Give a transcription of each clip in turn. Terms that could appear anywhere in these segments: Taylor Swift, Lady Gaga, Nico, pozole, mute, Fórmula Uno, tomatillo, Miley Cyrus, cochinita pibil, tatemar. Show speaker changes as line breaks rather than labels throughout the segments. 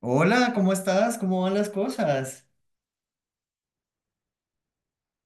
Hola, ¿cómo estás? ¿Cómo van las cosas?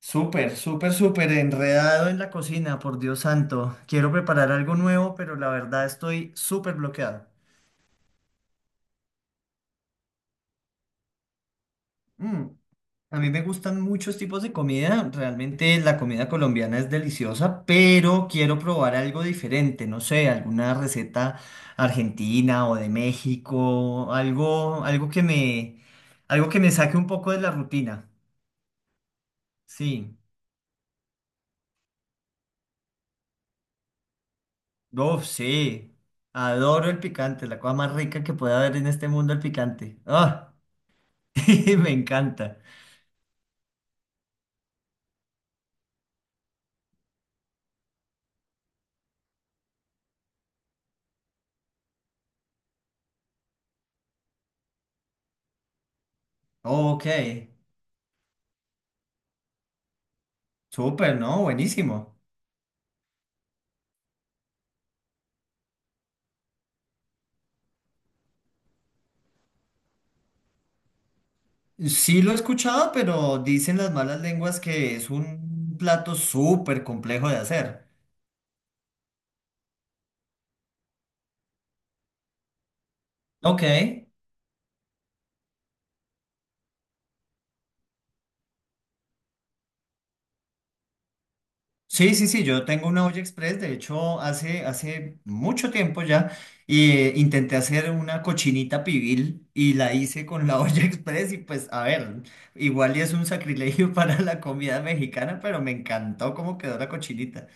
Súper, súper, súper enredado en la cocina, por Dios santo. Quiero preparar algo nuevo, pero la verdad estoy súper bloqueado. Mm, A mí me gustan muchos tipos de comida. Realmente la comida colombiana es deliciosa, pero quiero probar algo diferente. No sé, alguna receta argentina o de México, algo que me saque un poco de la rutina. Sí. Uf, sí. Adoro el picante, la cosa más rica que puede haber en este mundo, el picante. Ah, me encanta. Ok, súper, ¿no? Buenísimo. Sí lo he escuchado, pero dicen las malas lenguas que es un plato súper complejo de hacer. Ok. Sí, sí, sí, yo tengo una olla express, de hecho, hace mucho tiempo ya, y intenté hacer una cochinita pibil y la hice con la olla express y pues, a ver, igual y es un sacrilegio para la comida mexicana, pero me encantó cómo quedó la cochinita.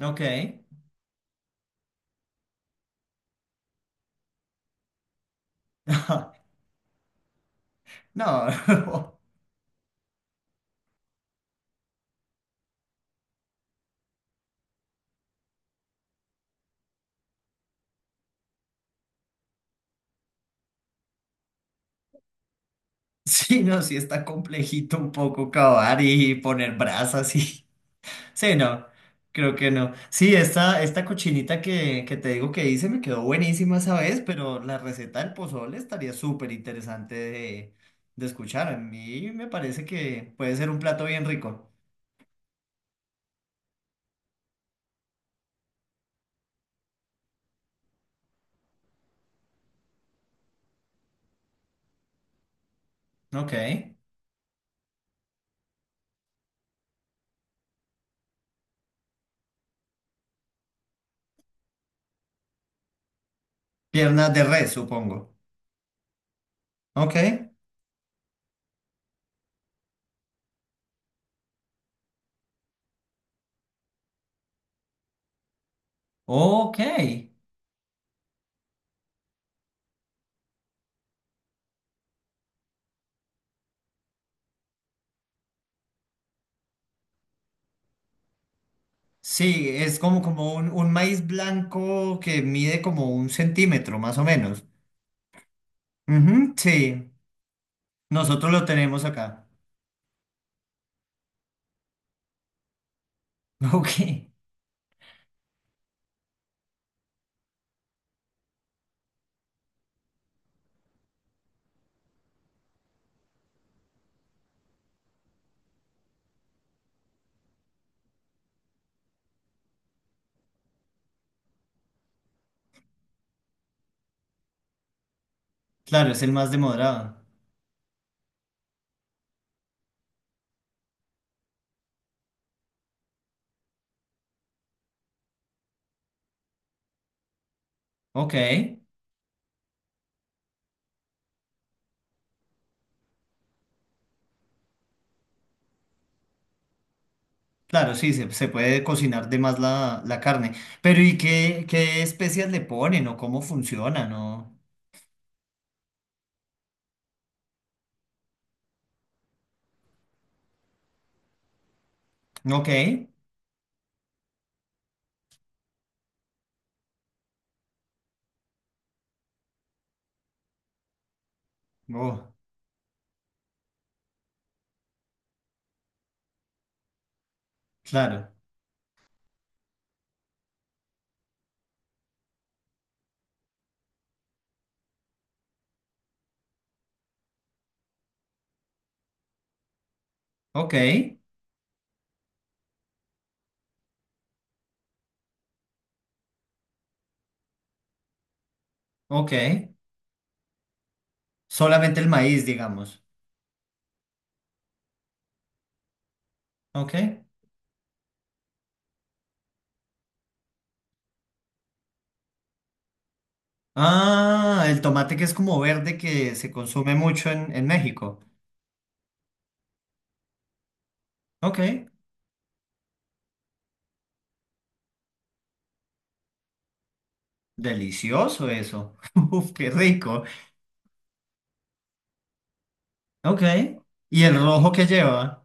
Ok. No, sí, no, sí está complejito un poco cavar y poner brasas y sí, no, creo que no. Sí, esta cochinita que te digo que hice me quedó buenísima esa vez, pero la receta del pozole estaría súper interesante de escuchar. A mí me parece que puede ser un plato bien rico. Ok. Piernas de res, supongo. Ok. Ok. Sí, es como, como un maíz blanco que mide como un centímetro, más o menos. Ujú, sí, nosotros lo tenemos acá. Ok. Claro, es el más demorado. Ok. Claro, sí, se puede cocinar de más la carne. Pero ¿y qué, qué especias le ponen o cómo funcionan? ¿O... Ok. Oh, claro. Ok. Ok. Solamente el maíz, digamos. Ok. Ah, el tomate que es como verde que se consume mucho en México. Ok. Delicioso eso. Uf, qué rico. Ok. ¿Y el rojo que lleva?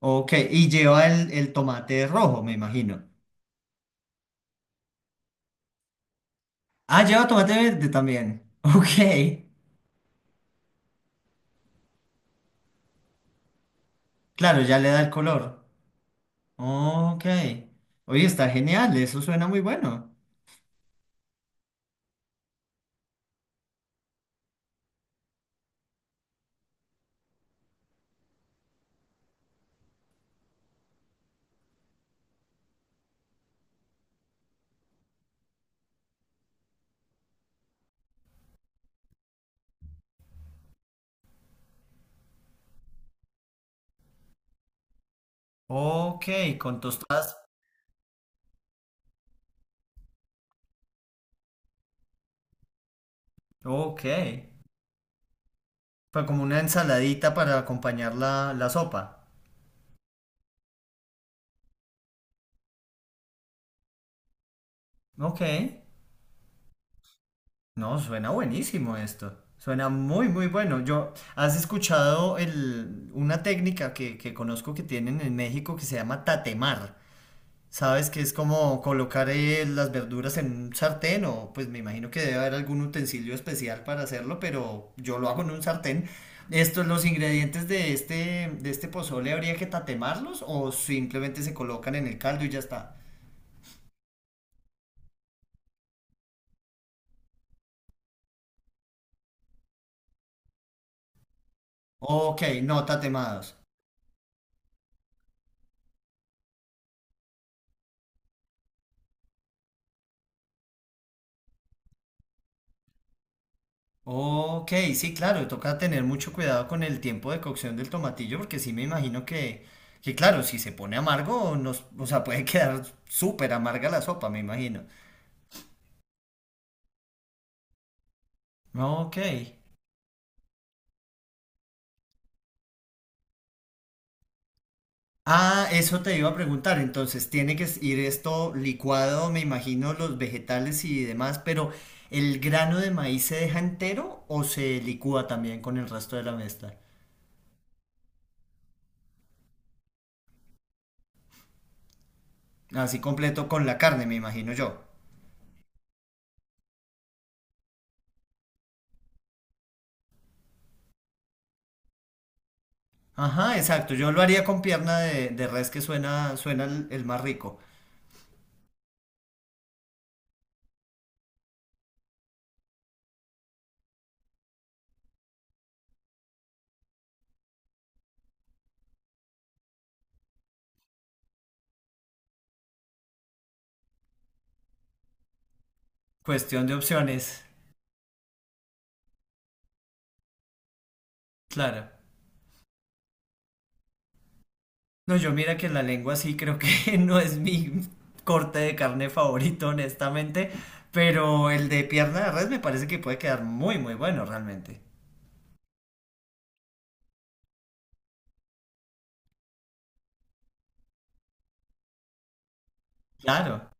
Ok. Y lleva el tomate rojo, me imagino. Ah, lleva tomate verde también. Ok. Claro, ya le da el color. Ok. Oye, está genial. Eso suena muy bueno. Ok, con tostadas. Ok. Fue como una ensaladita para acompañar la, la sopa. Ok. No, suena buenísimo esto. Suena muy, muy bueno. Yo, ¿has escuchado el, una técnica que conozco que tienen en México que se llama tatemar? Sabes que es como colocar las verduras en un sartén o pues me imagino que debe haber algún utensilio especial para hacerlo, pero yo lo hago en un sartén. Estos, los ingredientes de este pozole, ¿habría que tatemarlos o simplemente se colocan en el caldo y ya está? Ok, no tatemados. Ok, sí, claro, toca tener mucho cuidado con el tiempo de cocción del tomatillo porque sí me imagino que claro, si se pone amargo, nos, o sea, puede quedar súper amarga la sopa, me imagino. Ok. Ah, eso te iba a preguntar. Entonces, tiene que ir esto licuado, me imagino, los vegetales y demás, pero ¿el grano de maíz se deja entero o se licúa también con el resto de la mezcla? Así completo con la carne, me imagino yo. Ajá, exacto. Yo lo haría con pierna de res que suena, suena el más rico. Cuestión de opciones. Claro. No, yo mira que la lengua sí creo que no es mi corte de carne favorito, honestamente, pero el de pierna de res me parece que puede quedar muy, muy bueno realmente. Claro.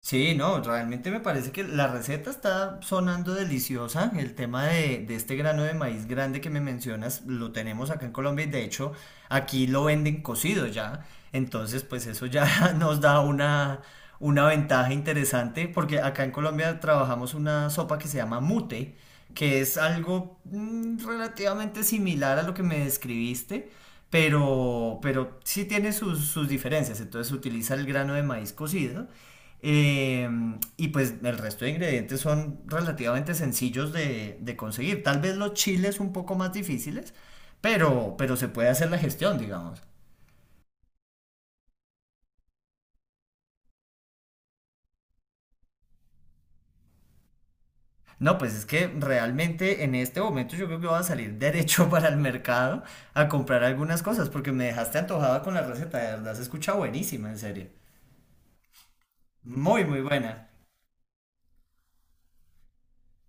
Sí, no, realmente me parece que la receta está sonando deliciosa. El tema de este grano de maíz grande que me mencionas lo tenemos acá en Colombia y de hecho aquí lo venden cocido ya. Entonces, pues eso ya nos da una ventaja interesante porque acá en Colombia trabajamos una sopa que se llama mute, que es algo mm, relativamente similar a lo que me describiste. Pero sí tiene sus, sus diferencias. Entonces utiliza el grano de maíz cocido eh, y pues el resto de ingredientes son relativamente sencillos de conseguir. Tal vez los chiles un poco más difíciles, pero se puede hacer la gestión, digamos. No, pues es que realmente en este momento yo creo que voy a salir derecho para el mercado a comprar algunas cosas, porque me dejaste antojada con la receta, de verdad se escucha buenísima, en serio. Muy, muy buena.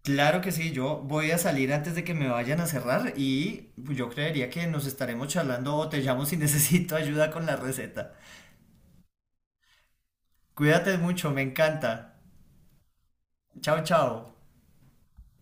Claro que sí, yo voy a salir antes de que me vayan a cerrar y yo creería que nos estaremos charlando o te llamo si necesito ayuda con la receta. Cuídate mucho, me encanta. Chao, chao.